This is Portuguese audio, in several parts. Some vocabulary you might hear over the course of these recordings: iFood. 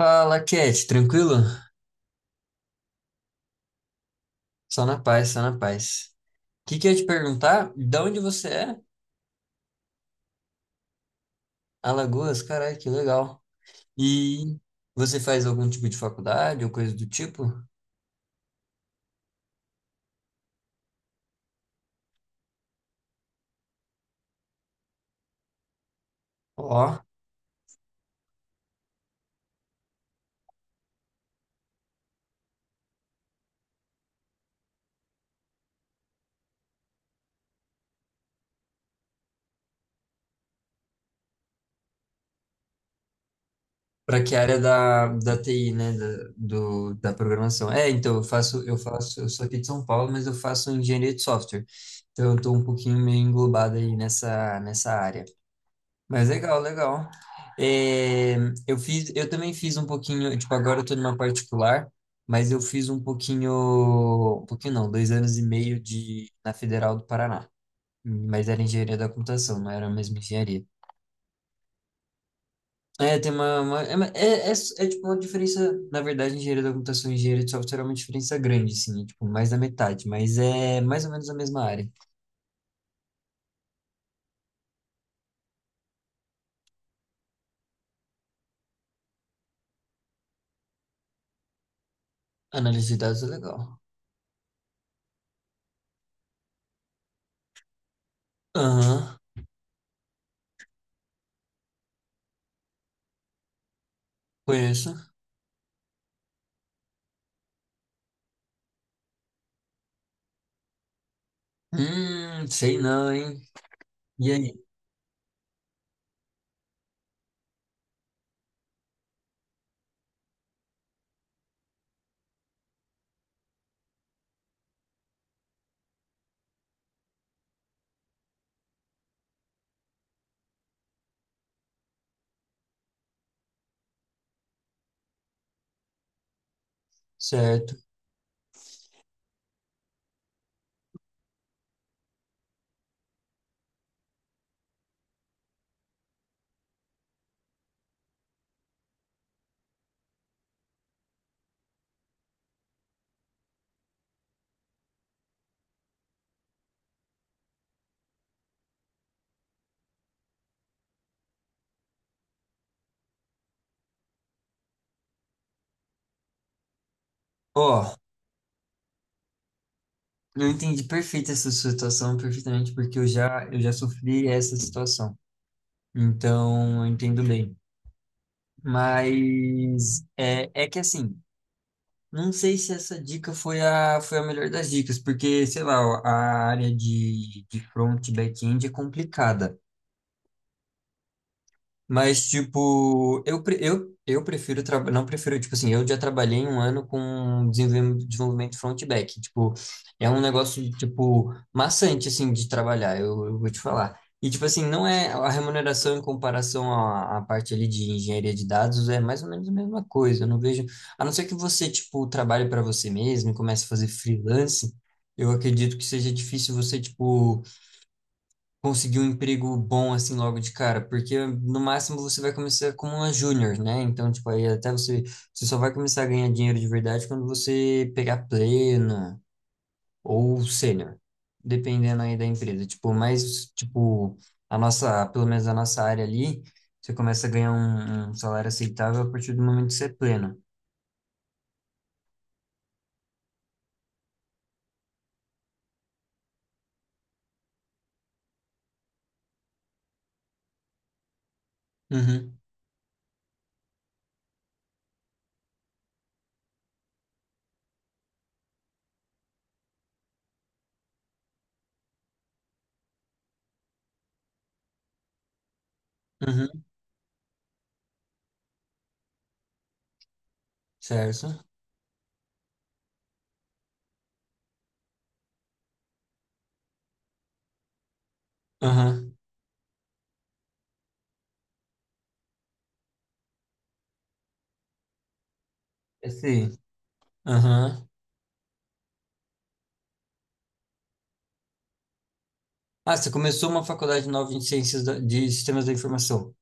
Fala, Cat, tranquilo? Só na paz, só na paz. O que que eu ia te perguntar? De onde você é? Alagoas, caralho, que legal. E você faz algum tipo de faculdade ou coisa do tipo? Ó, pra que área da TI, né? Da, do, da programação. É, então, eu sou aqui de São Paulo, mas eu faço engenharia de software. Então, eu tô um pouquinho meio englobado aí nessa área. Mas legal, legal. É, eu fiz, eu também fiz um pouquinho, tipo, agora eu tô numa particular, mas eu fiz um pouquinho não, 2 anos e meio de, na Federal do Paraná. Mas era engenharia da computação, não era a mesma engenharia. É, tem uma tipo uma diferença, na verdade, engenharia da computação e engenharia de software é uma diferença grande, assim, é, tipo, mais da metade, mas é mais ou menos a mesma área. Análise de dados é legal. Aham, conheço. Sei não, hein? E aí? Certo. Ó, eu entendi perfeito essa sua situação, perfeitamente, porque eu já sofri essa situação. Então, eu entendo bem. Mas é que assim, não sei se essa dica foi a melhor das dicas, porque, sei lá, ó, a área de front e back-end é complicada. Mas, tipo, eu, pre- eu prefiro, traba- não prefiro, tipo assim, eu já trabalhei um ano com desenvolvimento front e back. Tipo, é um negócio, tipo, maçante, assim, de trabalhar, eu vou te falar. E, tipo assim, não é a remuneração em comparação à parte ali de engenharia de dados, é mais ou menos a mesma coisa. Eu não vejo, a não ser que você, tipo, trabalhe para você mesmo e comece a fazer freelance, eu acredito que seja difícil você, tipo, conseguir um emprego bom assim logo de cara, porque no máximo você vai começar como uma júnior, né? Então, tipo, aí até você só vai começar a ganhar dinheiro de verdade quando você pegar pleno ou sênior, dependendo aí da empresa. Tipo, mais, tipo, a nossa, pelo menos a nossa área ali, você começa a ganhar um salário aceitável a partir do momento que você é pleno. Uhum, uhum, certo? Aham, é sim. Aham. Ah, você começou uma faculdade nova de de sistemas da informação.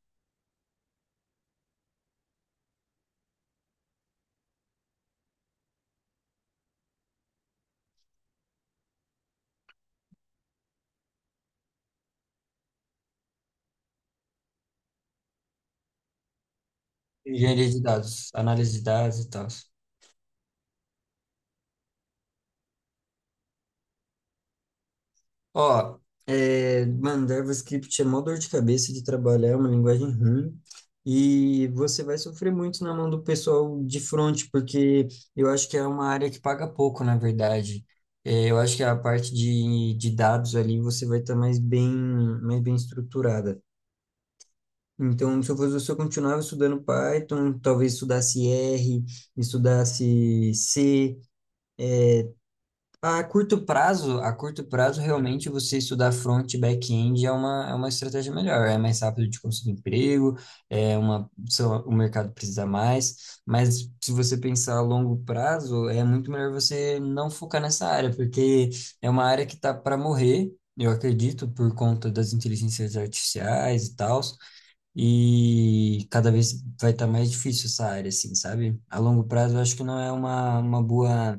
Engenharia de dados, análise de dados e tal. Ó, é, mano, JavaScript é mó dor de cabeça de trabalhar, é uma linguagem ruim. E você vai sofrer muito na mão do pessoal de front, porque eu acho que é uma área que paga pouco, na verdade. É, eu acho que a parte de dados ali você vai estar mais bem estruturada. Então, se eu fosse você, eu continuava estudando Python, talvez estudasse R, estudasse C. A curto prazo, realmente você estudar front e back-end é uma estratégia melhor, é mais rápido de conseguir emprego, o mercado precisa mais, mas se você pensar a longo prazo, é muito melhor você não focar nessa área, porque é uma área que está para morrer, eu acredito, por conta das inteligências artificiais e tal, e cada vez vai estar mais difícil essa área, assim, sabe? A longo prazo, eu acho que não é uma boa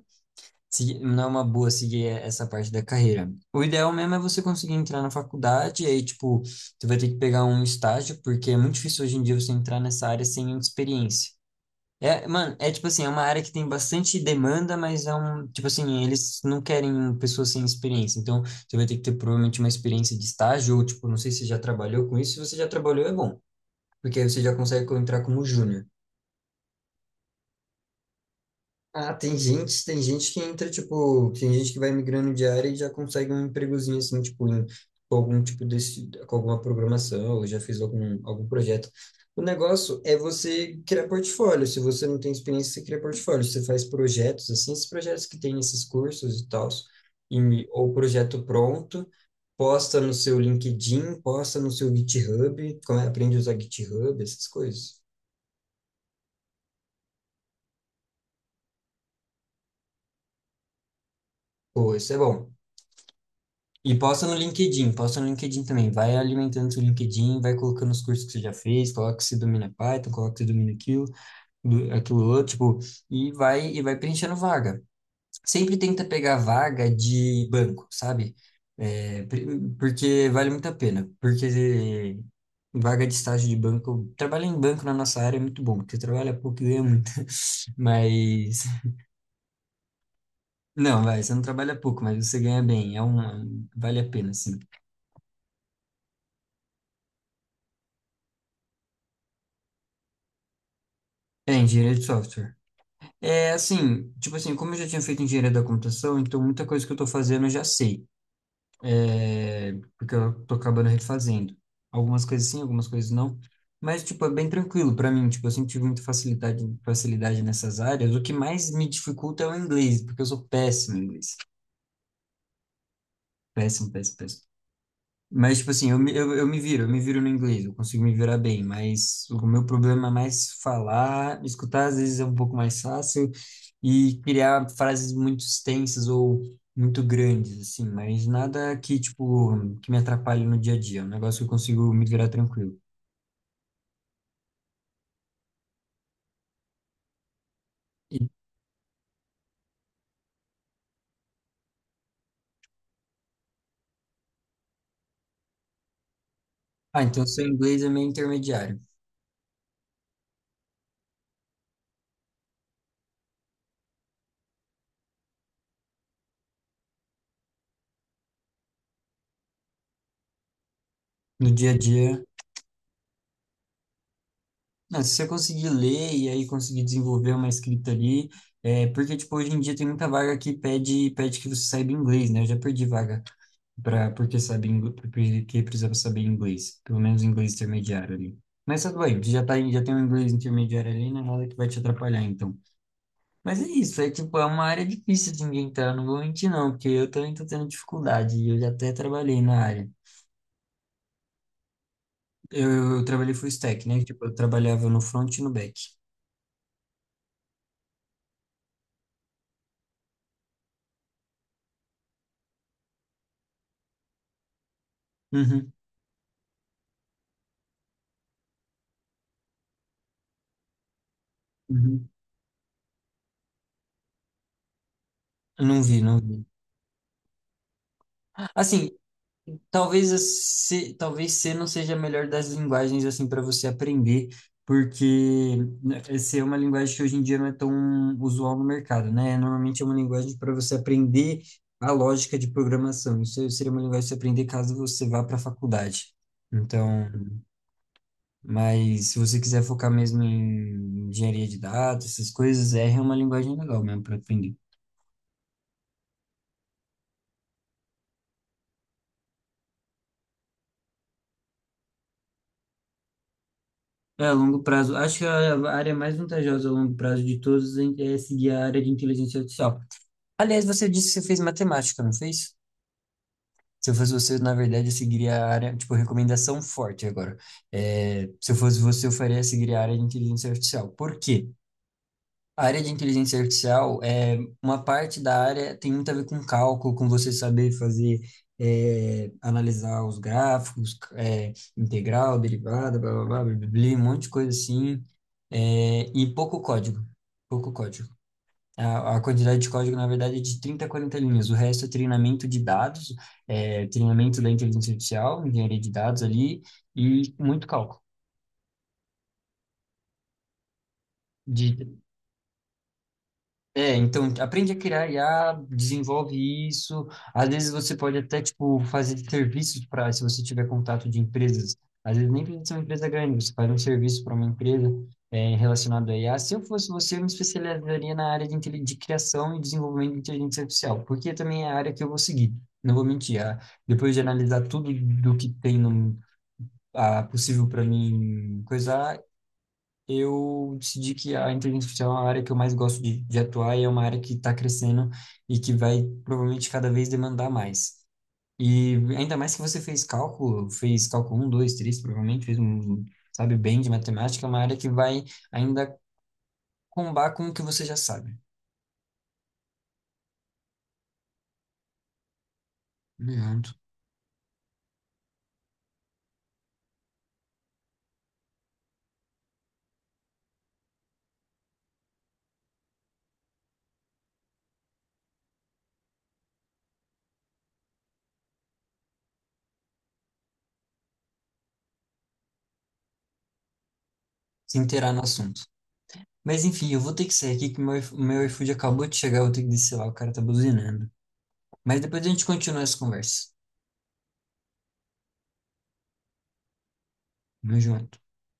não é uma boa seguir essa parte da carreira. O ideal mesmo é você conseguir entrar na faculdade, e aí, tipo, tu vai ter que pegar um estágio, porque é muito difícil hoje em dia você entrar nessa área sem experiência. É, mano, é tipo assim, é uma área que tem bastante demanda, mas é um, tipo assim, eles não querem pessoas sem experiência. Então, você vai ter que ter provavelmente uma experiência de estágio, ou tipo, não sei se você já trabalhou com isso. Se você já trabalhou, é bom, porque aí você já consegue entrar como júnior. Ah, tem gente que entra, tipo, tem gente que vai migrando de área e já consegue um empregozinho assim, tipo, em, com algum tipo desse, com alguma programação, ou já fez algum projeto. O negócio é você criar portfólio. Se você não tem experiência, você cria portfólio. Você faz projetos, assim, esses projetos que tem nesses cursos e tal, ou projeto pronto, posta no seu LinkedIn, posta no seu GitHub, como é, aprende a usar GitHub, essas coisas. Pô, isso é bom. E posta no LinkedIn também. Vai alimentando seu LinkedIn, vai colocando os cursos que você já fez, coloca que você domina Python, coloca que você domina aquilo, aquilo outro, tipo, e vai preenchendo vaga. Sempre tenta pegar vaga de banco, sabe? É, pri- Porque vale muito a pena. Porque vaga de estágio de banco, trabalhar em banco na nossa área é muito bom, porque trabalha pouco e ganha muito. Mas não, vai, você não trabalha pouco, mas você ganha bem, é um, vale a pena, sim. É engenharia de software. É assim, tipo assim, como eu já tinha feito engenharia da computação, então muita coisa que eu tô fazendo eu já sei. É, porque eu tô acabando refazendo. Algumas coisas sim, algumas coisas não. Mas, tipo, é bem tranquilo pra mim. Tipo, eu sempre tive muita facilidade, facilidade nessas áreas. O que mais me dificulta é o inglês, porque eu sou péssimo em inglês. Péssimo, péssimo, péssimo. Mas, tipo assim, eu me viro no inglês, eu consigo me virar bem, mas o meu problema é mais falar, escutar às vezes é um pouco mais fácil e criar frases muito extensas ou muito grandes, assim, mas nada que, tipo, que me atrapalhe no dia a dia, é um negócio que eu consigo me virar tranquilo. E- ah, então seu inglês é meio intermediário. No dia a dia, não, se você conseguir ler e aí conseguir desenvolver uma escrita ali, é, porque, tipo, hoje em dia tem muita vaga que pede que você saiba inglês, né? Eu já perdi vaga. Pra, porque porque precisava saber inglês, pelo menos inglês intermediário ali. Mas tudo bem, tu já tá, já tem um inglês intermediário ali, não é nada que vai te atrapalhar, então. Mas é isso, é tipo, é uma área difícil de ninguém entrar, não vou mentir não, porque eu também tô tendo dificuldade, e eu já até trabalhei na área. Eu trabalhei full stack, né? Tipo, eu trabalhava no front e no back. Uhum, uhum. Não vi, não vi. Assim, talvez a C, talvez C não seja a melhor das linguagens assim para você aprender, porque né, C é uma linguagem que hoje em dia não é tão usual no mercado, né? Normalmente é uma linguagem para você aprender a lógica de programação. Isso seria uma linguagem para você aprender caso você vá para a faculdade. Então, mas se você quiser focar mesmo em engenharia de dados, essas coisas, R é uma linguagem legal mesmo para aprender. É, a longo prazo. Acho que a área mais vantajosa a longo prazo de todos é seguir a área de inteligência artificial. Aliás, você disse que você fez matemática, não fez? Se eu fosse você, na verdade, eu seguiria a área, tipo, recomendação forte agora. É, se eu fosse você, eu faria seguir a área de inteligência artificial. Por quê? A área de inteligência artificial é uma parte da área tem muito a ver com cálculo, com você saber fazer, é, analisar os gráficos, é, integral, derivada, blá, blá, blá, blá, blá, blá, um monte de coisa assim, é, e pouco código, pouco código. A quantidade de código, na verdade, é de 30 a 40 linhas. O resto é treinamento de dados, é, treinamento da inteligência artificial, engenharia de dados ali, e muito cálculo. De É, então aprende a criar IA, desenvolve isso. Às vezes você pode até tipo fazer serviços para, se você tiver contato de empresas. Às vezes nem precisa ser uma empresa grande, você faz um serviço para uma empresa é, relacionado a IA. Se eu fosse você, eu me especializaria na área de criação e desenvolvimento de inteligência artificial, porque também é a área que eu vou seguir. Não vou mentir, ah, depois de analisar tudo do que tem no, ah, possível para mim coisar, eu decidi que a inteligência artificial é uma área que eu mais gosto de atuar e é uma área que está crescendo e que vai provavelmente cada vez demandar mais. E ainda mais que você fez cálculo um, 2, 3, provavelmente fez um, sabe, bem de matemática, é uma área que vai ainda combar com o que você já sabe. Obrigado. Se inteirar no assunto. Mas enfim, eu vou ter que sair aqui que meu, meu iFood acabou de chegar, eu vou ter que descer lá, o cara tá buzinando. Mas depois a gente continua essa conversa. Tamo junto.